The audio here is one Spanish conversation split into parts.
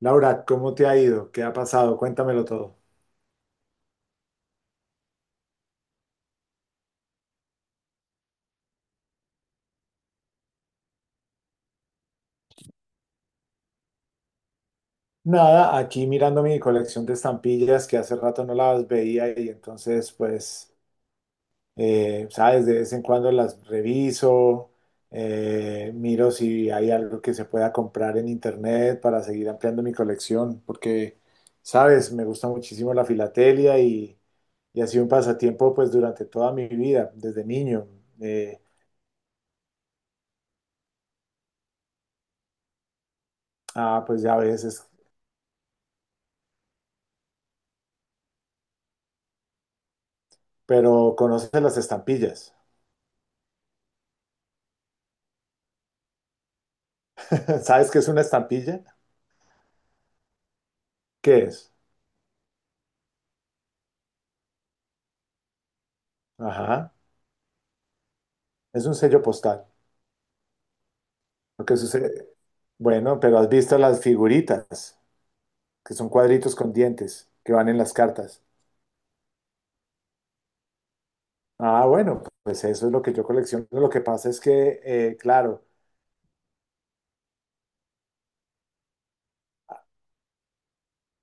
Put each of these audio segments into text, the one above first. Laura, ¿cómo te ha ido? ¿Qué ha pasado? Cuéntamelo todo. Nada, aquí mirando mi colección de estampillas que hace rato no las veía, y entonces pues, sabes, de vez en cuando las reviso, miro si hay algo que se pueda comprar en internet para seguir ampliando mi colección, porque, sabes, me gusta muchísimo la filatelia y, ha sido un pasatiempo pues durante toda mi vida, desde niño. Eh, pues ya a veces, pero conoces las estampillas. ¿Sabes qué es una estampilla? ¿Qué es? Ajá, es un sello postal. Lo que sucede, bueno, pero has visto las figuritas, que son cuadritos con dientes, que van en las cartas. Ah, bueno, pues eso es lo que yo colecciono. Lo que pasa es que, claro,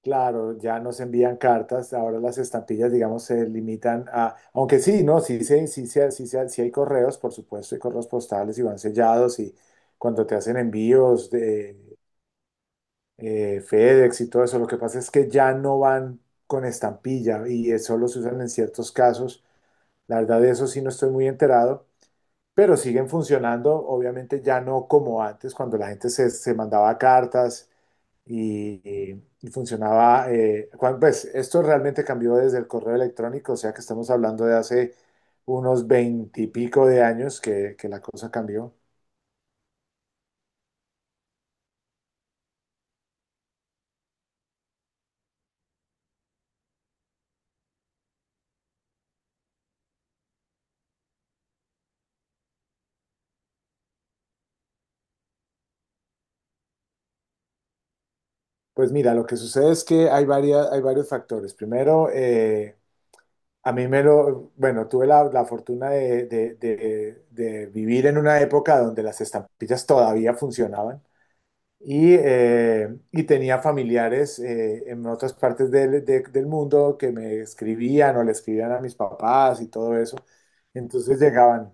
claro, ya no se envían cartas. Ahora las estampillas, digamos, se limitan a, aunque sí, no, sí, sí, sí, sí, sí, sí, sí hay correos, por supuesto, hay correos postales y van sellados, y cuando te hacen envíos de FedEx y todo eso. Lo que pasa es que ya no van con estampilla, y solo se usan en ciertos casos. La verdad de eso sí no estoy muy enterado, pero siguen funcionando. Obviamente ya no como antes, cuando la gente se mandaba cartas y, y funcionaba. Pues esto realmente cambió desde el correo electrónico, o sea que estamos hablando de hace unos veintipico de años que, la cosa cambió. Pues mira, lo que sucede es que hay varios factores. Primero, A mí me lo, bueno, tuve la fortuna de, de vivir en una época donde las estampillas todavía funcionaban, y tenía familiares en otras partes del mundo que me escribían, o le escribían a mis papás y todo eso. Entonces llegaban,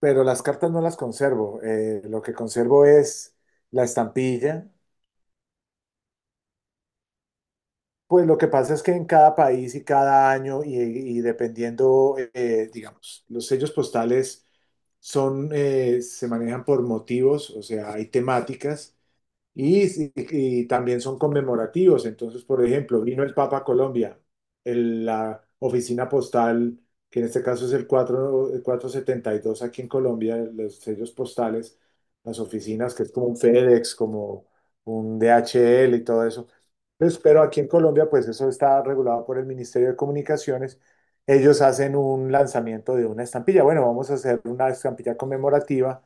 pero las cartas no las conservo. Lo que conservo es la estampilla. Pues lo que pasa es que en cada país y cada año, y, dependiendo, digamos, los sellos postales son, se manejan por motivos, o sea, hay temáticas. Y, y también son conmemorativos. Entonces, por ejemplo, vino el Papa a Colombia, la oficina postal, que en este caso es el 4, el 472 aquí en Colombia, los sellos postales, las oficinas, que es como un FedEx, como un DHL y todo eso. Pues, pero aquí en Colombia, pues eso está regulado por el Ministerio de Comunicaciones. Ellos hacen un lanzamiento de una estampilla. Bueno, vamos a hacer una estampilla conmemorativa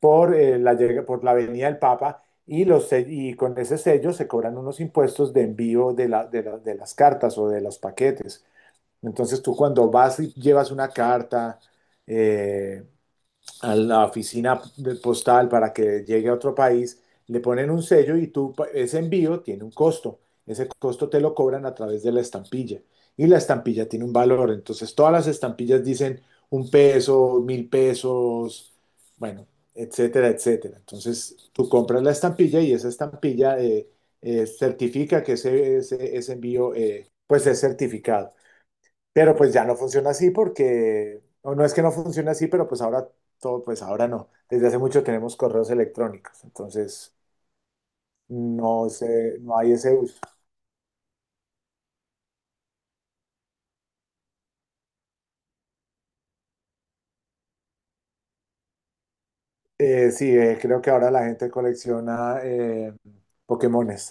por, por la venida del Papa, y, y con ese sello se cobran unos impuestos de envío de, de las cartas o de los paquetes. Entonces tú, cuando vas y llevas una carta, eh, a la oficina de postal para que llegue a otro país, le ponen un sello, y tú, ese envío tiene un costo. Ese costo te lo cobran a través de la estampilla. Y la estampilla tiene un valor. Entonces, todas las estampillas dicen un peso, 1.000 pesos, bueno, etcétera, etcétera. Entonces, tú compras la estampilla, y esa estampilla certifica que ese envío pues es certificado. Pero pues ya no funciona así porque, o no es que no funcione así, pero pues ahora todo, pues ahora no. Desde hace mucho tenemos correos electrónicos, entonces no sé, no hay ese uso. Sí, creo que ahora la gente colecciona Pokémones.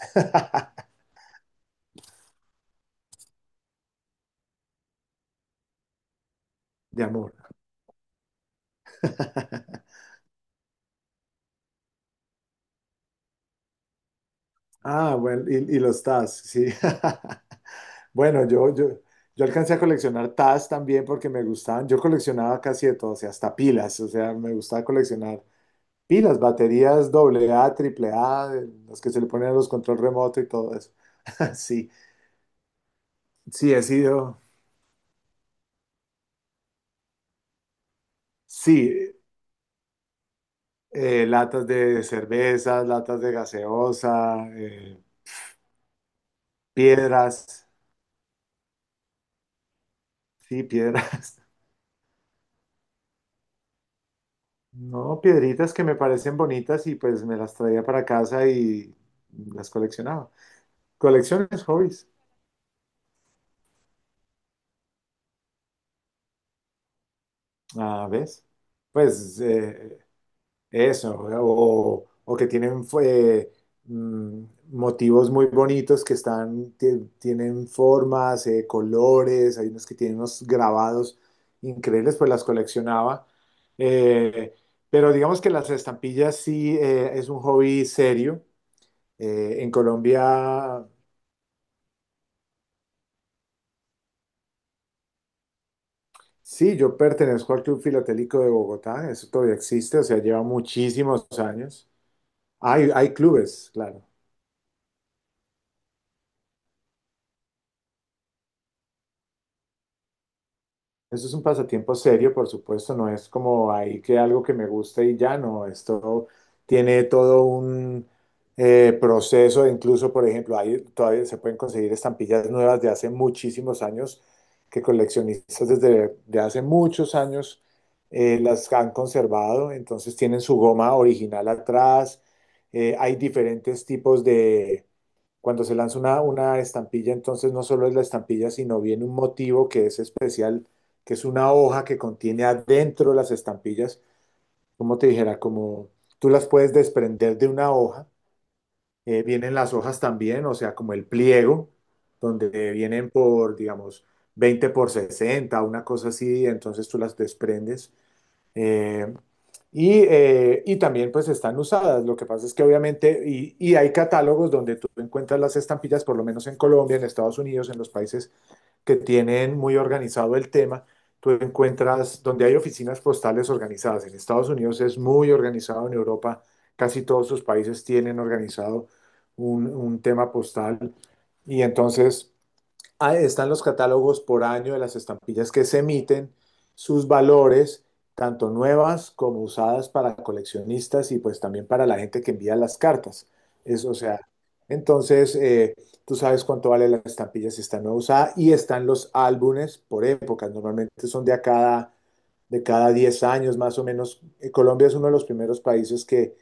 De amor. Ah, bueno, y, los Taz, sí. Bueno, yo alcancé a coleccionar Taz también, porque me gustaban. Yo coleccionaba casi de todo, o sea, hasta pilas, o sea, me gustaba coleccionar. Y las baterías AA, AAA, las que se le ponen a los control remoto y todo eso. Sí, sí, he sido, sí, latas de cervezas, latas de gaseosa, piedras, sí, piedras. No, piedritas que me parecen bonitas, y pues me las traía para casa y las coleccionaba. Colecciones, hobbies. Ah, ¿ves? Pues eso, o, que tienen mm, motivos muy bonitos, que están, tienen formas, colores, hay unos que tienen unos grabados increíbles, pues las coleccionaba. Eh, pero digamos que las estampillas sí es un hobby serio. En Colombia, sí, yo pertenezco al Club Filatélico de Bogotá, eso todavía existe, o sea, lleva muchísimos años. Hay clubes, claro. Eso es un pasatiempo serio, por supuesto, no es como ahí que algo que me guste y ya no, esto tiene todo un proceso. Incluso, por ejemplo, ahí todavía se pueden conseguir estampillas nuevas de hace muchísimos años, que coleccionistas desde de hace muchos años las han conservado, entonces tienen su goma original atrás, hay diferentes tipos de cuando se lanza una estampilla, entonces no solo es la estampilla, sino viene un motivo que es especial, que es una hoja que contiene adentro las estampillas, como te dijera, como tú las puedes desprender de una hoja, vienen las hojas también, o sea, como el pliego, donde vienen por, digamos, 20 por 60, una cosa así, entonces tú las desprendes, eh, y también pues están usadas. Lo que pasa es que obviamente, y, hay catálogos donde tú encuentras las estampillas, por lo menos en Colombia, en Estados Unidos, en los países que tienen muy organizado el tema, tú encuentras donde hay oficinas postales organizadas. En Estados Unidos es muy organizado, en Europa casi todos sus países tienen organizado un tema postal. Y entonces... Ahí están los catálogos por año de las estampillas que se emiten, sus valores, tanto nuevas como usadas, para coleccionistas, y pues también para la gente que envía las cartas. Eso, o sea, entonces tú sabes cuánto vale la estampilla si está nueva usada, y están los álbumes por épocas. Normalmente son de cada 10 años más o menos. Colombia es uno de los primeros países que,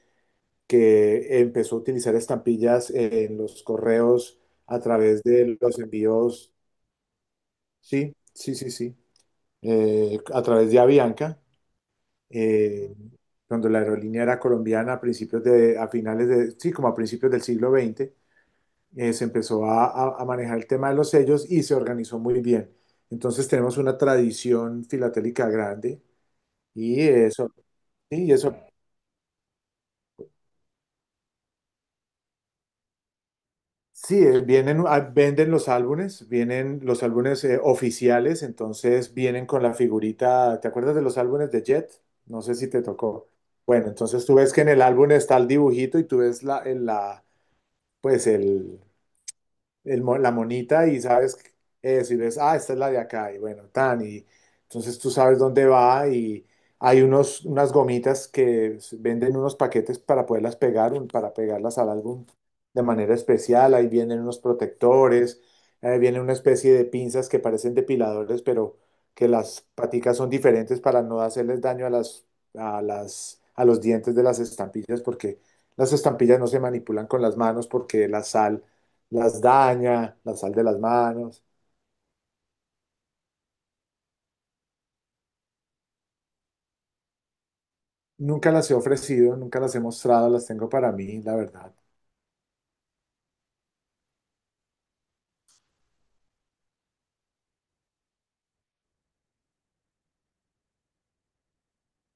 empezó a utilizar estampillas en los correos, a través de los envíos. Sí, sí, sí, sí. A través de Avianca, eh, cuando la aerolínea era colombiana a principios de, a finales de, sí, como a principios del siglo XX, se empezó a, a manejar el tema de los sellos, y se organizó muy bien. Entonces tenemos una tradición filatélica grande, y eso, sí, y eso. Sí, venden los álbumes, vienen los álbumes oficiales, entonces vienen con la figurita. ¿Te acuerdas de los álbumes de Jet? No sé si te tocó. Bueno, entonces tú ves que en el álbum está el dibujito, y tú ves la, el- la, pues el mo- la monita, y sabes eso, y ves, ah, esta es la de acá, y bueno, tan, y entonces tú sabes dónde va, y hay unos, unas gomitas que venden unos paquetes para poderlas pegar, para pegarlas al álbum de manera especial. Ahí vienen unos protectores, viene una especie de pinzas que parecen depiladores, pero que las paticas son diferentes para no hacerles daño a las, a las, a los dientes de las estampillas, porque las estampillas no se manipulan con las manos, porque la sal las daña, las sal de las manos. Nunca las he ofrecido, nunca las he mostrado, las tengo para mí, la verdad.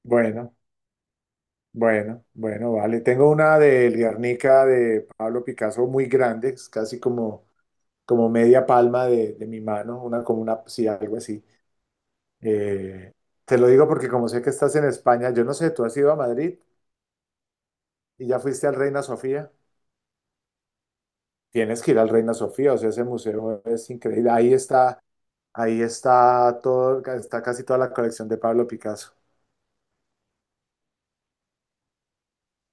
Bueno, bueno, bueno, vale. Tengo una del Guernica de Pablo Picasso muy grande, es casi como, media palma de mi mano, una como una, sí, algo así. Eh, Te lo digo porque como sé que estás en España, yo no sé, tú has ido a Madrid y ya fuiste al Reina Sofía. Tienes que ir al Reina Sofía, o sea, ese museo es increíble. Ahí está todo, está casi toda la colección de Pablo Picasso.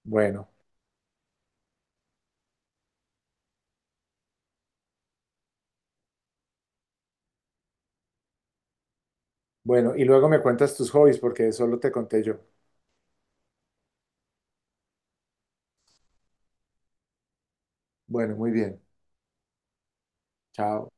Bueno, bueno, y luego me cuentas tus hobbies, porque solo te conté yo. Bueno, muy bien. Chao.